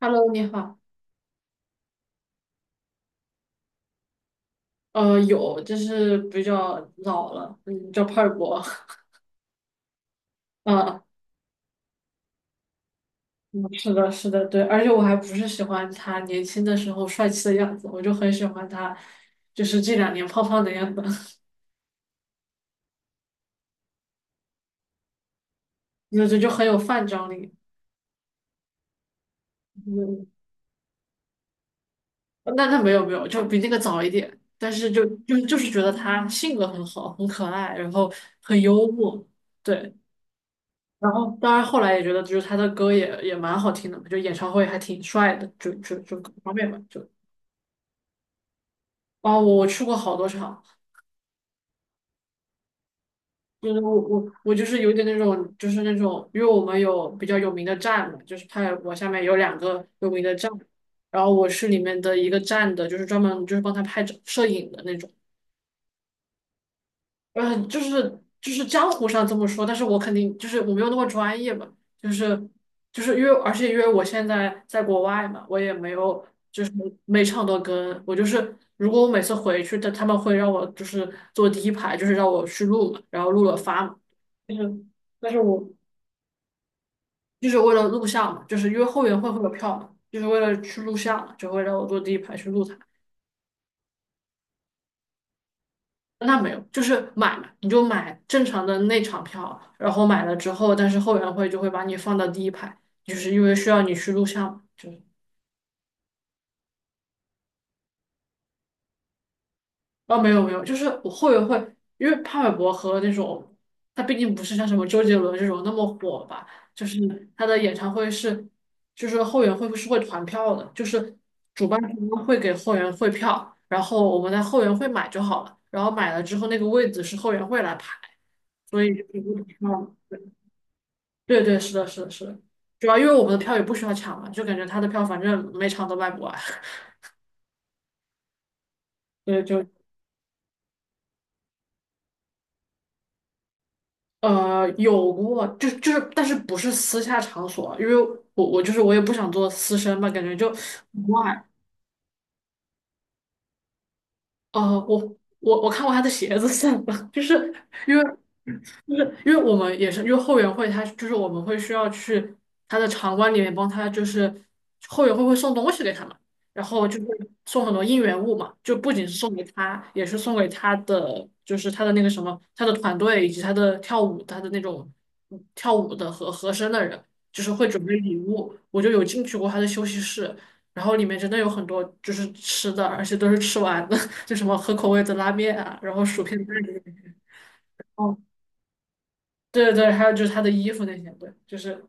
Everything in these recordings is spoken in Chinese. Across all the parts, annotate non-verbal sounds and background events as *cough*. Hello，你好。有，就是比较老了，嗯，叫派博。*laughs* 啊，嗯是的，是的，对。而且我还不是喜欢他年轻的时候帅气的样子，我就很喜欢他，就是这两年胖胖的样子，*laughs* 就很有范张力。嗯，那没有没有，就比那个早一点。但是就是觉得他性格很好，很可爱，然后很幽默，对。然后当然后来也觉得，就是他的歌也蛮好听的嘛就演唱会还挺帅的，就各方面吧，就。哦，我去过好多场，就是我就是有点那种，就是那种，因为我们有比较有名的站嘛，就是泰国下面有两个有名的站，然后我是里面的一个站的，就是专门就是帮他拍照摄影的那种。嗯，就是江湖上这么说，但是我肯定就是我没有那么专业嘛，就是就是因为而且因为我现在在国外嘛，我也没有就是每场都跟，我就是如果我每次回去，他们会让我就是坐第一排，就是让我去录嘛，然后录了发嘛，就是但是我就是为了录像嘛，就是因为后援会会有票嘛，就是为了去录像嘛就会让我坐第一排去录它。那没有，就是买嘛，你就买正常的内场票，然后买了之后，但是后援会就会把你放到第一排，就是因为需要你去录像嘛就是哦，没有没有，就是我后援会，因为潘玮柏和那种他毕竟不是像什么周杰伦这种那么火吧，就是他的演唱会是，就是后援会是会团票的，就是主办方会给后援会票，然后我们在后援会买就好了，然后买了之后那个位子是后援会来排，所以就是不同票。对对，是的，是的，是的，主要因为我们的票也不需要抢嘛，就感觉他的票反正每场都卖不完，*laughs* 对，就有过，就是，但是不是私下场所，因为我就是我也不想做私生嘛，感觉就 w h y 呃，我我看过他的鞋子算了，*laughs* 就是因为我们也是，因为后援会他就是我们会需要去他的场馆里面帮他，就是后援会会送东西给他们，然后就会送很多应援物嘛，就不仅是送给他，也是送给他的，就是他的那个什么，他的团队以及他的跳舞，他的那种跳舞的和和声的人，就是会准备礼物。我就有进去过他的休息室，然后里面真的有很多就是吃的，而且都是吃完的，*laughs* 就什么合口味的拉面啊，然后薯片蛋这哦。对对，还有就是他的衣服那些，对，就是，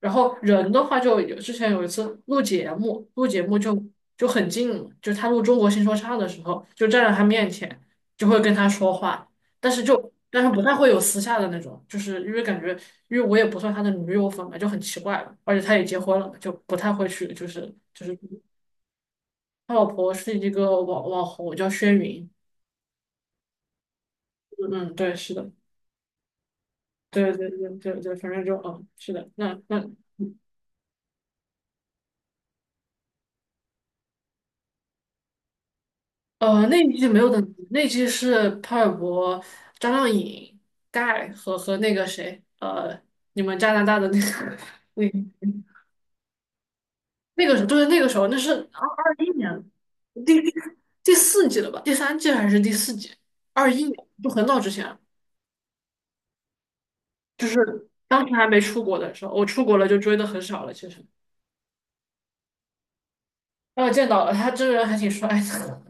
然后人的话就有之前有一次录节目，录节目就很近嘛，就他录《中国新说唱》的时候，就站在他面前，就会跟他说话，但是不太会有私下的那种，就是因为感觉，因为我也不算他的女友粉嘛，就很奇怪了，而且他也结婚了嘛，就不太会去，就是他老婆是一个网红叫轩云，嗯嗯，对，是的，对对对对对，反正就嗯，是的，那那一季没有邓紫棋，那一季是潘玮柏、张靓颖、盖和那个谁，你们加拿大的那个，*laughs* 那那个时候对，那个时候那是二二一年，第第第四季了吧？第三季还是第四季？二一年就很早之前了就是当时还没出国的时候，我出国了就追的很少了。其实，啊，见到了他真人还挺帅的。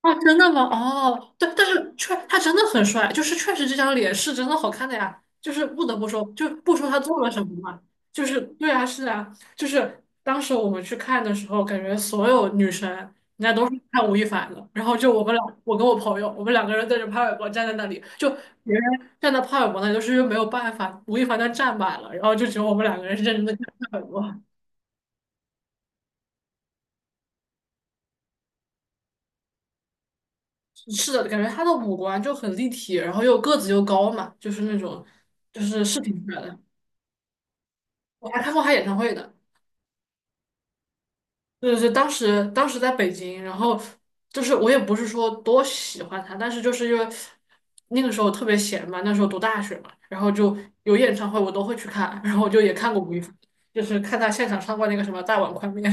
啊，真的吗？哦，对，但是确他真的很帅，就是确实这张脸是真的好看的呀，就是不得不说，就不说他做了什么嘛，就是对啊，是啊，就是当时我们去看的时候，感觉所有女生人家都是看吴亦凡的，然后就我们俩，我跟我朋友，我们两个人对着潘玮柏站在那里，就别人站在潘玮柏那里，就是因为没有办法，吴亦凡他站满了，然后就只有我们两个人是认真的看潘玮柏。是的，感觉他的五官就很立体，然后又个子又高嘛，就是那种就是是挺出来的。我还看过他演唱会的，就是当时在北京，然后就是我也不是说多喜欢他，但是就是因为那个时候特别闲嘛，那时候读大学嘛，然后就有演唱会我都会去看，然后我就也看过吴亦凡，就是看他现场唱过那个什么《大碗宽面》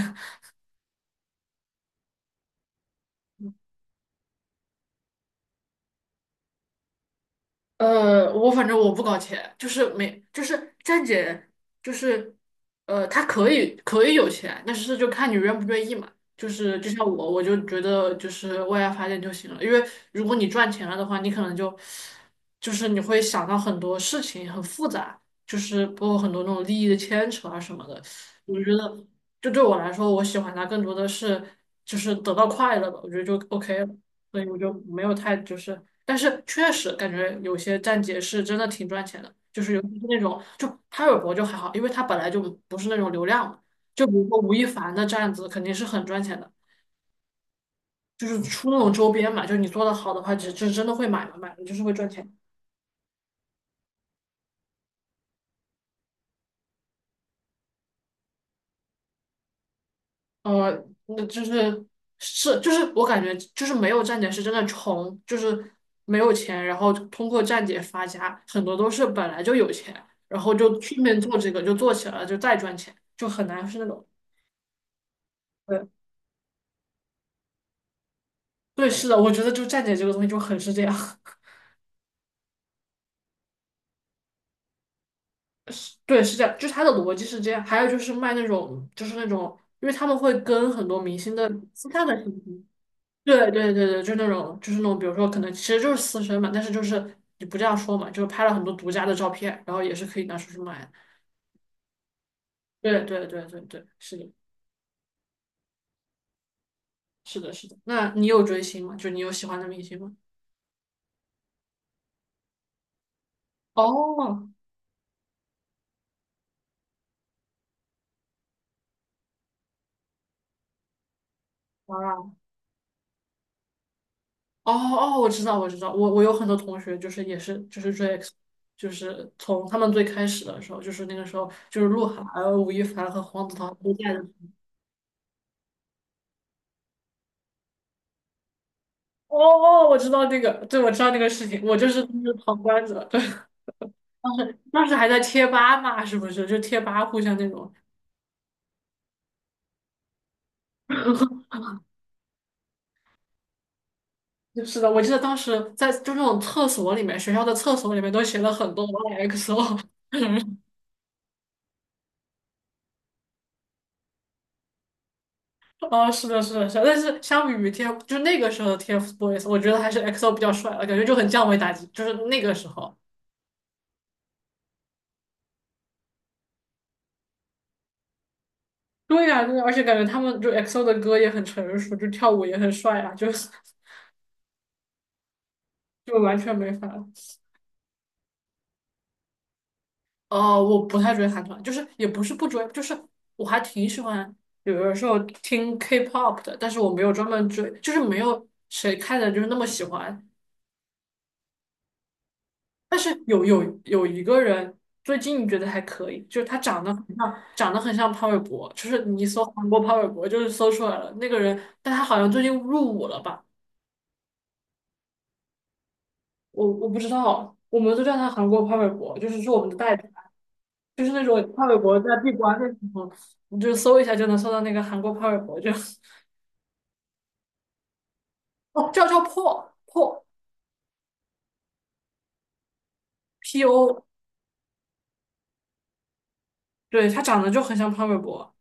我反正我不搞钱，就是没，就是站姐，就是，她可以可以有钱，但是就看你愿不愿意嘛。就是就像我，我就觉得就是为爱发电就行了，因为如果你赚钱了的话，你可能就就是你会想到很多事情很复杂，就是包括很多那种利益的牵扯啊什么的。我觉得就对我来说，我喜欢它更多的是就是得到快乐吧，我觉得就 OK 了。所以我就没有太就是，但是确实感觉有些站姐是真的挺赚钱的，就是尤其是那种就潘玮柏就还好，因为他本来就不是那种流量嘛，就比如说吴亦凡的站子肯定是很赚钱的，就是出那种周边嘛，就你做的好的话，就真的会买嘛，买了就是会赚钱。那就是是就是我感觉就是没有站姐是真的穷，就是没有钱，然后通过站姐发家，很多都是本来就有钱，然后就顺便做这个就做起来了，就再赚钱，就很难是那种。对，对，是的，我觉得就站姐这个东西就很是这样，*laughs* 对，是这样，就是它的逻辑是这样。还有就是卖那种就是那种，因为他们会跟很多明星的私下的信息对对对对，就那种就是那种，比如说可能其实就是私生嘛，但是就是你不这样说嘛，就是拍了很多独家的照片，然后也是可以拿出去卖。对对对对对，是的，是的，是的。那你有追星吗？就你有喜欢的明星吗？哦，啊，哦哦，我知道我知道，我有很多同学就是也是就是追 X，就是从他们最开始的时候，就是那个时候就是鹿晗、有吴亦凡和黄子韬都在的。哦哦，我知道那个，对，我知道那个事情，我就是就是旁观者。对 *laughs* 当时还在贴吧嘛，是不是？就贴吧互相那种。就是的，我记得当时在就那种厕所里面，学校的厕所里面都写了很多 YXO。*laughs* 哦，是的，是的，是的。但是相比于 TF，就那个时候的 TFBOYS，我觉得还是 XO 比较帅了，感觉就很降维打击。就是那个时候，对呀、对呀，而且感觉他们就 XO 的歌也很成熟，就跳舞也很帅啊，就是 *laughs* 就完全没法。哦，我不太追韩团，就是也不是不追，就是我还挺喜欢，有的时候听 K-pop 的，但是我没有专门追，就是没有谁看的就是那么喜欢。但是有有一个人最近觉得还可以，就是他长得很像，长得很像潘玮柏，就是你一搜韩国潘玮柏就是搜出来了那个人，但他好像最近入伍了吧？我不知道，我们都叫他韩国潘玮柏，就是是我们的代表，就是那种潘玮柏在闭关的时候，你就搜一下就能搜到那个韩国潘玮柏就。哦，叫破破 P O，对，他长得就很像潘玮柏，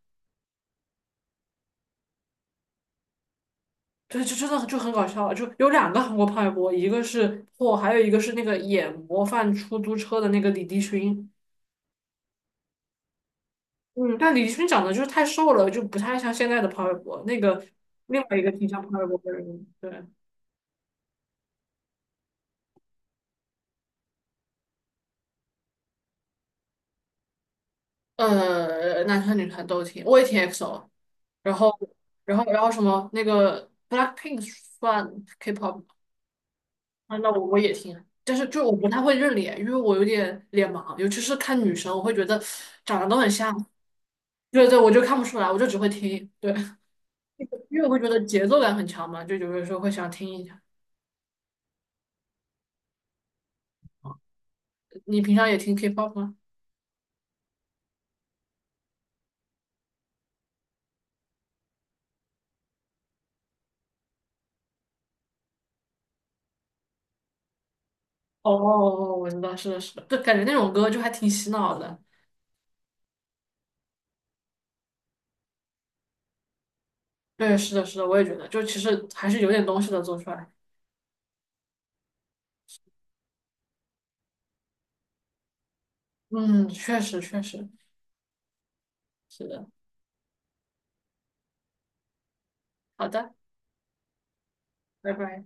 对，就真的就很搞笑，就有两个韩国潘玮柏，一个是破，还有一个是那个演模范出租车的那个李帝勋，嗯，但李帝勋长得就是太瘦了，就不太像现在的潘玮柏，那个另外一个挺像潘玮柏的人，对，男团女团都挺，我也挺 EXO，然后然后什么那个 BLACKPINK 算 K-pop 啊，那我也听，但是就我不太会认脸，因为我有点脸盲，尤其是看女生，我会觉得长得都很像。对对，我就看不出来，我就只会听。对，*laughs* 因为我会觉得节奏感很强嘛，就有的时候会想听一下。你平常也听 K-pop 吗？哦哦哦，我知道，是的，是的，就感觉那种歌就还挺洗脑的。对，是的，是的，我也觉得，就其实还是有点东西的做出来。嗯，确实，确实，是的。好的，拜拜。